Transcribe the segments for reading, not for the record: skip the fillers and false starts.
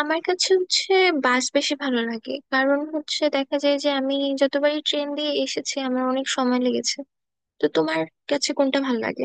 আমার কাছে হচ্ছে বাস বেশি ভালো লাগে, কারণ হচ্ছে দেখা যায় যে আমি যতবারই ট্রেন দিয়ে এসেছি আমার অনেক সময় লেগেছে। তো তোমার কাছে কোনটা ভালো লাগে?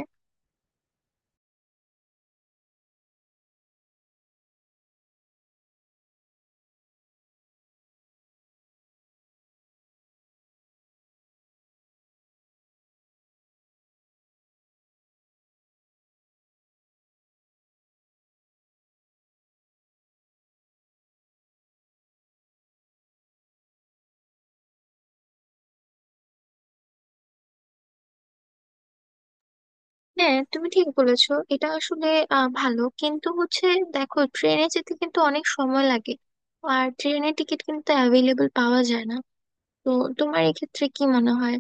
হ্যাঁ, তুমি ঠিক বলেছো, এটা আসলে ভালো। কিন্তু হচ্ছে দেখো, ট্রেনে যেতে কিন্তু অনেক সময় লাগে, আর ট্রেনের টিকিট কিন্তু অ্যাভেলেবল পাওয়া যায় না। তো তোমার এক্ষেত্রে কি মনে হয়?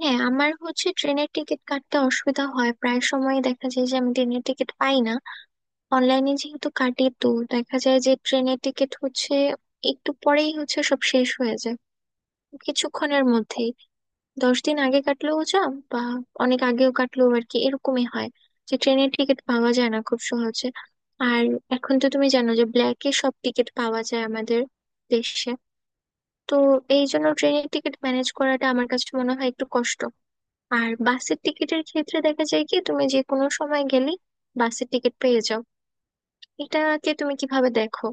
হ্যাঁ, আমার হচ্ছে ট্রেনের টিকিট কাটতে অসুবিধা হয়, প্রায় সময় দেখা যায় যে আমি ট্রেনের টিকিট পাই না। অনলাইনে যেহেতু কাটি, তো দেখা যায় যে ট্রেনের টিকিট হচ্ছে একটু পরেই হচ্ছে সব শেষ হয়ে যায় কিছুক্ষণের মধ্যেই। 10 দিন আগে কাটলেও যা, বা অনেক আগেও কাটলেও আর কি এরকমই হয়, যে ট্রেনের টিকিট পাওয়া যায় না খুব সহজে। আর এখন তো তুমি জানো যে ব্ল্যাকে সব টিকিট পাওয়া যায় আমাদের দেশে। তো এই জন্য ট্রেনের টিকিট ম্যানেজ করাটা আমার কাছে মনে হয় একটু কষ্ট। আর বাসের টিকিটের ক্ষেত্রে দেখা যায় কি তুমি যে কোনো সময় গেলে বাসের টিকিট পেয়ে যাও। এটাকে তুমি কিভাবে দেখো?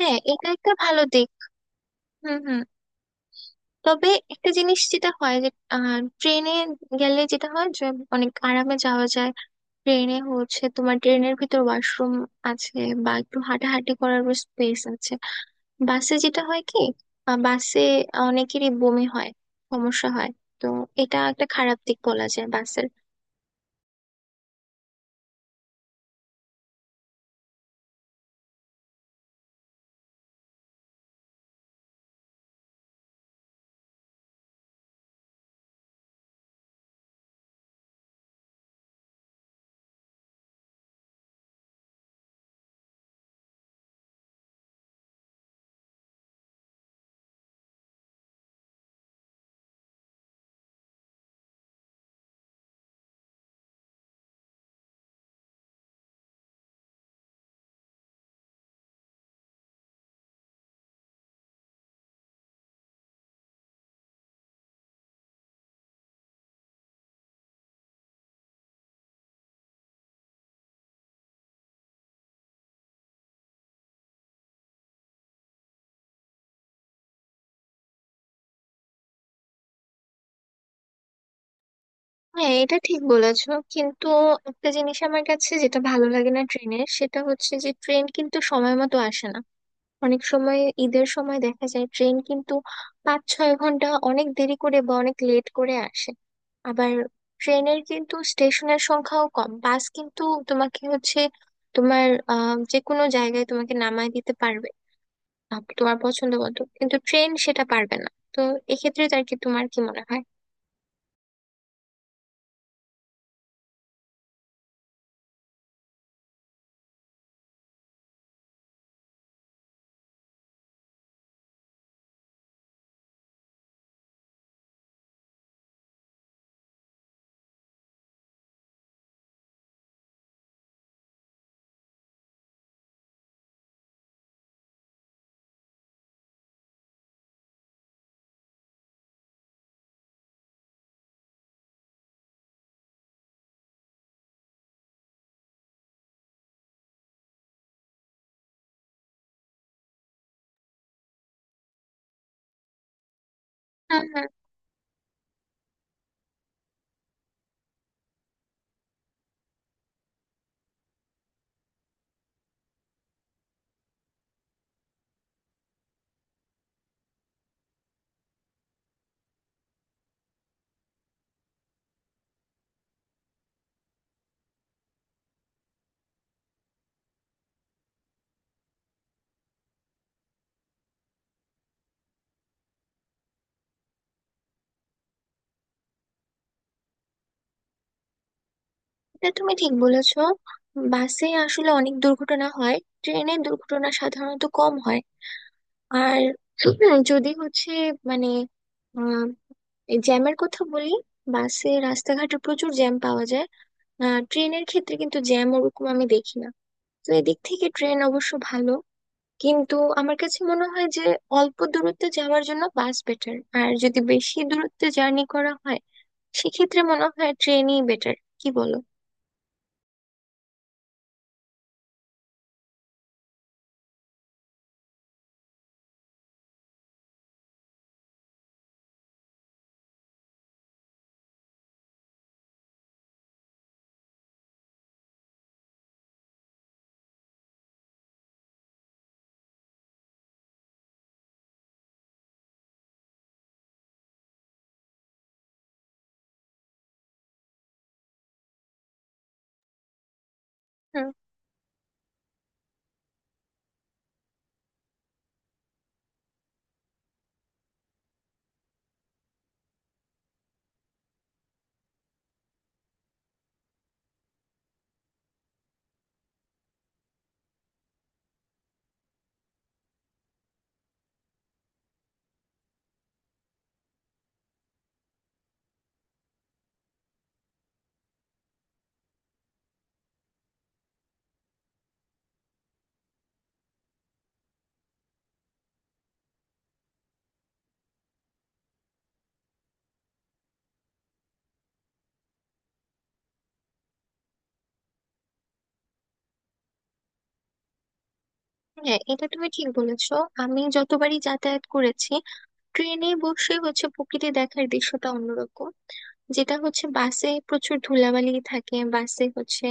হ্যাঁ, এটা একটা ভালো দিক। হুম হুম। তবে একটা জিনিস যেটা হয় যে ট্রেনে গেলে যেটা হয় যে অনেক আরামে যাওয়া যায়। ট্রেনে হচ্ছে তোমার ট্রেনের ভিতর ওয়াশরুম আছে, বা একটু হাঁটাহাঁটি করার স্পেস আছে। বাসে যেটা হয় কি বাসে অনেকেরই বমি হয়, সমস্যা হয়। তো এটা একটা খারাপ দিক বলা যায় বাসের। হ্যাঁ, এটা ঠিক বলেছো, কিন্তু একটা জিনিস আমার কাছে যেটা ভালো লাগে না ট্রেনের, সেটা হচ্ছে যে ট্রেন কিন্তু সময় মতো আসে না অনেক সময়। ঈদের সময় দেখা যায় ট্রেন কিন্তু 5-6 ঘন্টা অনেক দেরি করে বা অনেক লেট করে আসে। আবার ট্রেনের কিন্তু স্টেশনের সংখ্যাও কম, বাস কিন্তু তোমাকে হচ্ছে তোমার যে কোনো জায়গায় তোমাকে নামায় দিতে পারবে। তোমার পছন্দ মতো কিন্তু ট্রেন সেটা পারবে না। তো এক্ষেত্রে আর কি তোমার কি মনে হয়? হ্যাঁ হ্যাঁ, এটা তুমি ঠিক বলেছো। বাসে আসলে অনেক দুর্ঘটনা হয়, ট্রেনে দুর্ঘটনা সাধারণত কম হয়। আর যদি হচ্ছে মানে আহ, এই জ্যামের কথা বলি, বাসে রাস্তাঘাটে প্রচুর জ্যাম পাওয়া যায়। ট্রেনের ক্ষেত্রে কিন্তু জ্যাম ওরকম আমি দেখি না। তো এদিক থেকে ট্রেন অবশ্য ভালো। কিন্তু আমার কাছে মনে হয় যে অল্প দূরত্বে যাওয়ার জন্য বাস বেটার, আর যদি বেশি দূরত্বে জার্নি করা হয় সেক্ষেত্রে মনে হয় ট্রেনই বেটার। কি বলো? হুম, হ্যাঁ, এটা তুমি ঠিক বলেছো। আমি যতবারই যাতায়াত করেছি ট্রেনে বসে হচ্ছে প্রকৃতি দেখার দৃশ্যটা অন্যরকম। যেটা হচ্ছে বাসে প্রচুর ধুলাবালি থাকে, বাসে হচ্ছে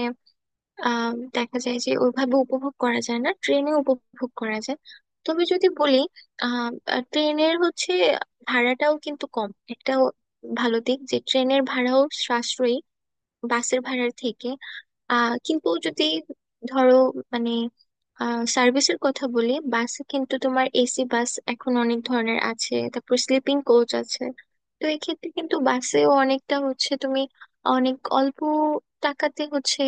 আহ দেখা যায় যে ওইভাবে উপভোগ করা যায় না, ট্রেনে উপভোগ করা যায়। তবে যদি বলি আহ ট্রেনের হচ্ছে ভাড়াটাও কিন্তু কম, একটা ভালো দিক যে ট্রেনের ভাড়াও সাশ্রয়ী বাসের ভাড়ার থেকে। কিন্তু যদি ধরো, মানে সার্ভিসের কথা বলি, বাসে কিন্তু তোমার এসি বাস এখন অনেক ধরনের আছে, তারপর স্লিপিং কোচ আছে। তো এক্ষেত্রে কিন্তু বাসেও অনেকটা হচ্ছে তুমি অনেক অল্প টাকাতে হচ্ছে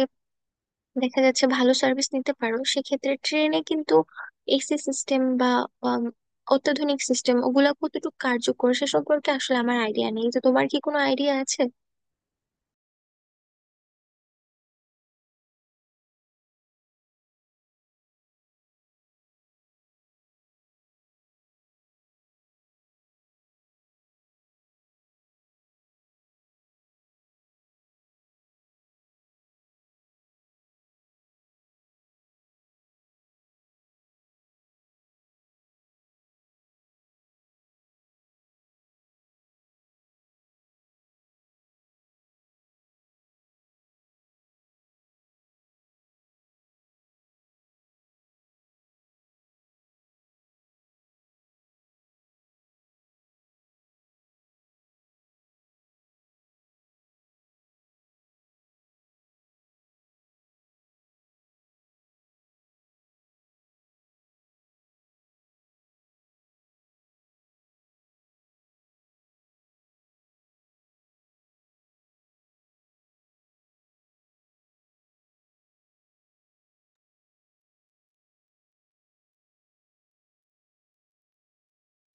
দেখা যাচ্ছে ভালো সার্ভিস নিতে পারো। সেক্ষেত্রে ট্রেনে কিন্তু এসি সিস্টেম বা আম, অত্যাধুনিক সিস্টেম ওগুলা কতটুকু কার্যকর সে সম্পর্কে আসলে আমার আইডিয়া নেই। তো তোমার কি কোনো আইডিয়া আছে?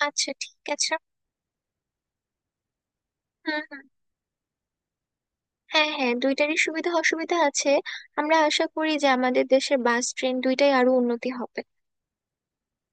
আচ্ছা ঠিক আছে। হুম হুম। হ্যাঁ হ্যাঁ, দুইটারই সুবিধা অসুবিধা আছে। আমরা আশা করি যে আমাদের দেশের বাস ট্রেন দুইটাই আরো উন্নতি হবে।